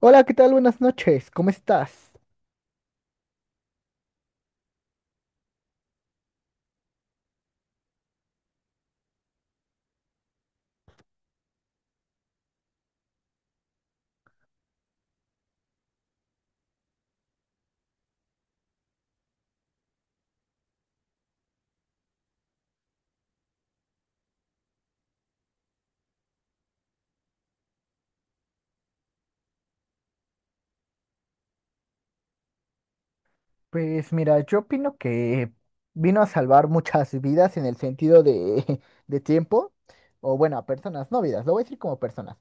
Hola, ¿qué tal? Buenas noches, ¿cómo estás? Pues mira, yo opino que vino a salvar muchas vidas en el sentido de, de tiempo, o bueno, a personas, no vidas, lo voy a decir como personas,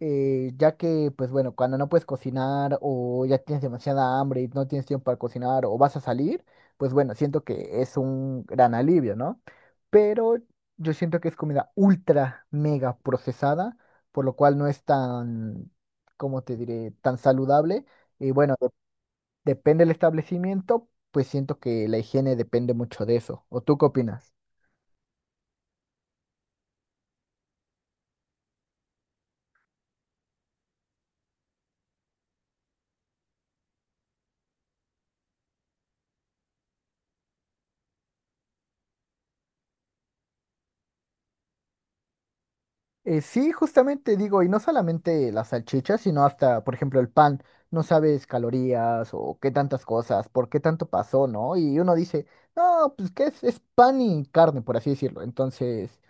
ya que pues bueno, cuando no puedes cocinar o ya tienes demasiada hambre y no tienes tiempo para cocinar o vas a salir, pues bueno, siento que es un gran alivio, ¿no? Pero yo siento que es comida ultra mega procesada, por lo cual no es tan, ¿cómo te diré?, tan saludable. Y bueno, depende del establecimiento, pues siento que la higiene depende mucho de eso. ¿O tú qué opinas? Sí, justamente digo, y no solamente las salchichas, sino hasta, por ejemplo, el pan. No sabes calorías o qué tantas cosas, por qué tanto pasó, ¿no? Y uno dice, no, pues que es, pan y carne, por así decirlo. Entonces,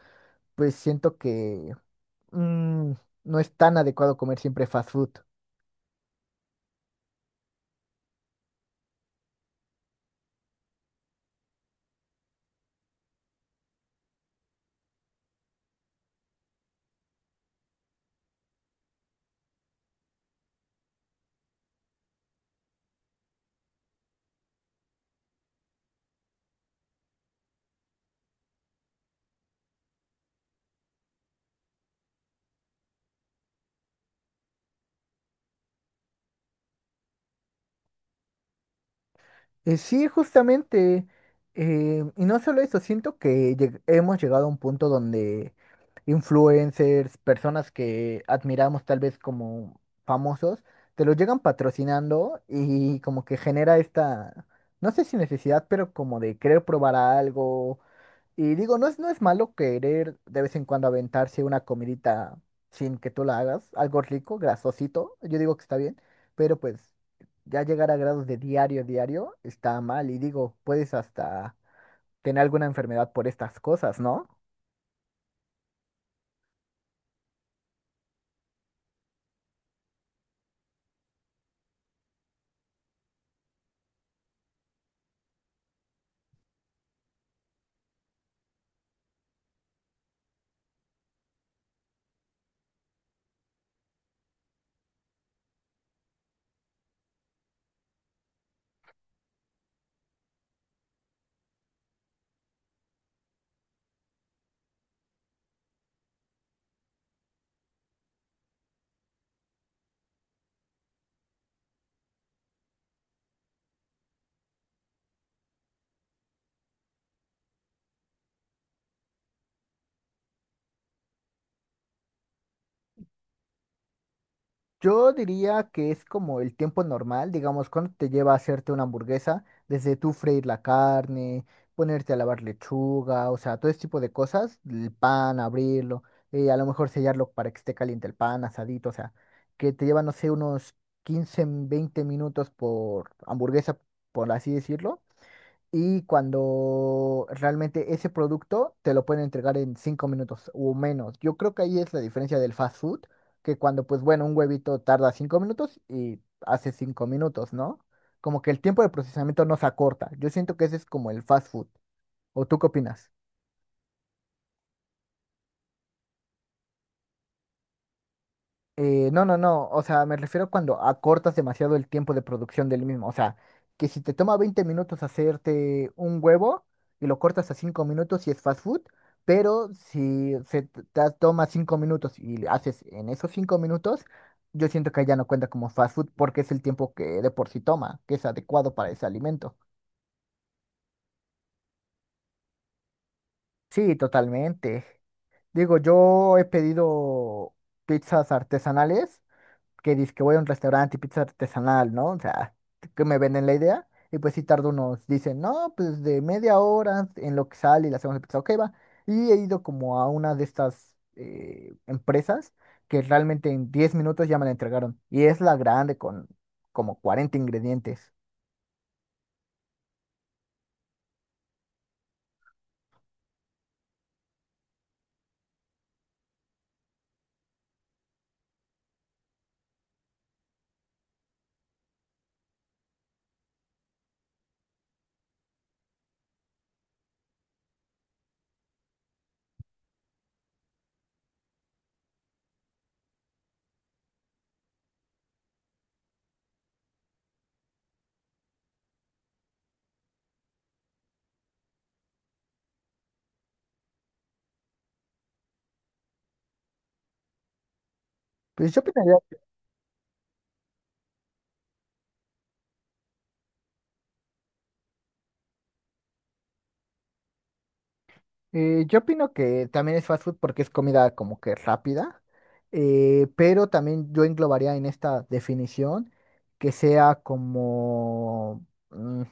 pues siento que mm, no es tan adecuado comer siempre fast food. Sí, justamente. Y no solo eso, siento que hemos llegado a un punto donde influencers, personas que admiramos tal vez como famosos, te lo llegan patrocinando y como que genera esta, no sé si necesidad, pero como de querer probar algo y digo, no es malo querer de vez en cuando aventarse una comidita sin que tú la hagas, algo rico, grasosito, yo digo que está bien, pero pues ya llegar a grados de diario, diario, está mal. Y digo, puedes hasta tener alguna enfermedad por estas cosas, ¿no? Yo diría que es como el tiempo normal, digamos, cuando te lleva a hacerte una hamburguesa, desde tú freír la carne, ponerte a lavar lechuga, o sea, todo ese tipo de cosas, el pan, abrirlo, a lo mejor sellarlo para que esté caliente el pan, asadito, o sea, que te lleva, no sé, unos 15, 20 minutos por hamburguesa, por así decirlo. Y cuando realmente ese producto te lo pueden entregar en 5 minutos o menos. Yo creo que ahí es la diferencia del fast food, que cuando, pues bueno, un huevito tarda 5 minutos y hace 5 minutos, ¿no? Como que el tiempo de procesamiento no se acorta. Yo siento que ese es como el fast food. ¿O tú qué opinas? No, no, no. O sea, me refiero cuando acortas demasiado el tiempo de producción del mismo. O sea, que si te toma 20 minutos hacerte un huevo y lo cortas a 5 minutos y es fast food, pero si se t- te toma 5 minutos y haces en esos 5 minutos, yo siento que ya no cuenta como fast food porque es el tiempo que de por sí toma, que es adecuado para ese alimento. Sí, totalmente. Digo, yo he pedido pizzas artesanales que dice que voy a un restaurante y pizza artesanal, ¿no? O sea, que me venden la idea. Y pues sí tardo unos, dicen, no, pues de media hora en lo que sale y la hacemos la pizza, ok, va. Y he ido como a una de estas empresas que realmente en 10 minutos ya me la entregaron. Y es la grande con como 40 ingredientes. Pues yo opinaría. Yo opino que también es fast food porque es comida como que rápida, pero también yo englobaría en esta definición que sea como,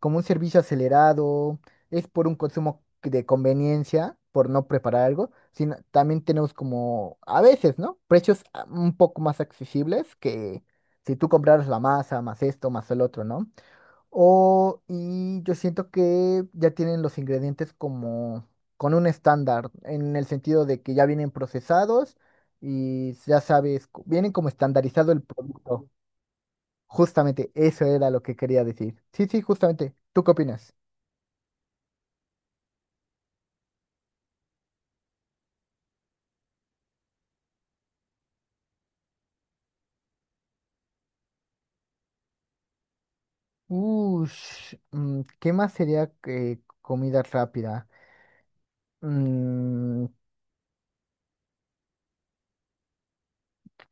como un servicio acelerado, es por un consumo de conveniencia, por no preparar algo, sino también tenemos como, a veces, ¿no? Precios ah, un poco más accesibles que si tú compraras la masa, más esto, más el otro, ¿no? O, y yo siento que ya tienen los ingredientes como con un estándar, en el sentido de que ya vienen procesados y ya sabes, vienen como estandarizado el producto. Justamente eso era lo que quería decir. Sí, sí, justamente. ¿Tú qué opinas? Ush, ¿qué más sería que comida rápida?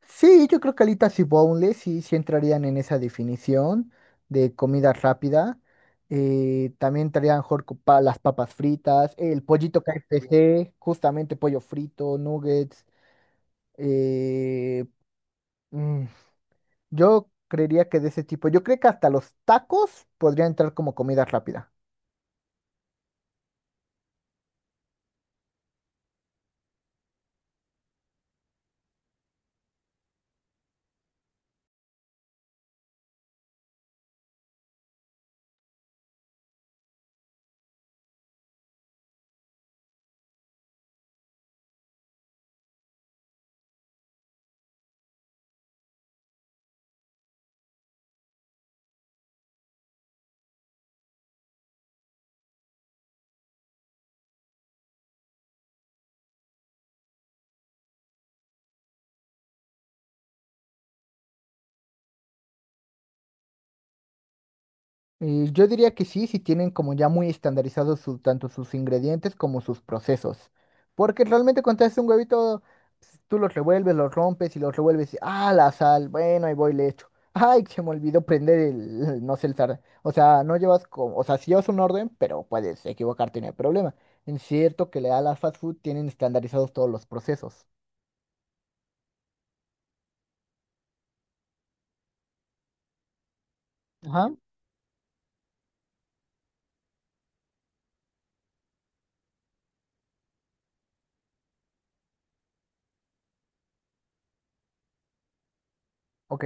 Sí, yo creo que alitas y boneless sí, sí entrarían en esa definición de comida rápida. También entrarían a lo mejor las papas fritas, el pollito KFC, justamente pollo frito, nuggets. eh, mm, yo creería que de ese tipo. Yo creo que hasta los tacos podrían entrar como comida rápida. Yo diría que sí, si tienen como ya muy estandarizados tanto sus ingredientes como sus procesos. Porque realmente cuando haces un huevito, tú los revuelves, los rompes y los revuelves. Y, ah, la sal, bueno, ahí voy, le echo. Ay, se me olvidó prender el, no sé, el sartén. O sea, no llevas como, o sea, si llevas un orden, pero puedes equivocarte, no hay problema. Es cierto que le da a la fast food, tienen estandarizados todos los procesos. Ajá. Ok,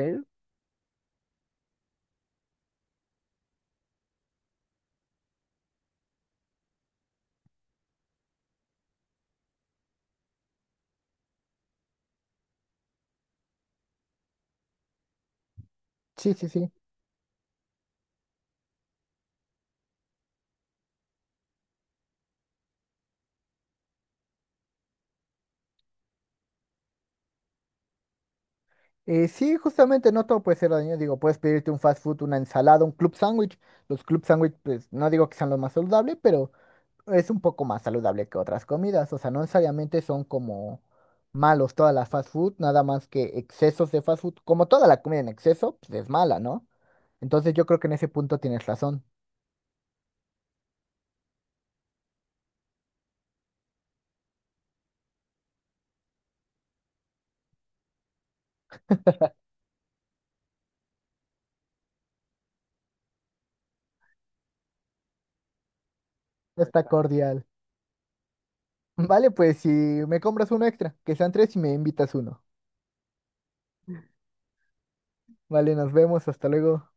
sí, sí, sí. Sí, justamente no todo puede ser dañino. Digo, puedes pedirte un fast food, una ensalada, un club sándwich. Los club sándwich, pues no digo que sean los más saludables, pero es un poco más saludable que otras comidas. O sea, no necesariamente son como malos todas las fast food, nada más que excesos de fast food. Como toda la comida en exceso, pues es mala, ¿no? Entonces yo creo que en ese punto tienes razón. Está cordial. Vale, pues si me compras uno extra, que sean tres y me invitas uno. Vale, nos vemos, hasta luego.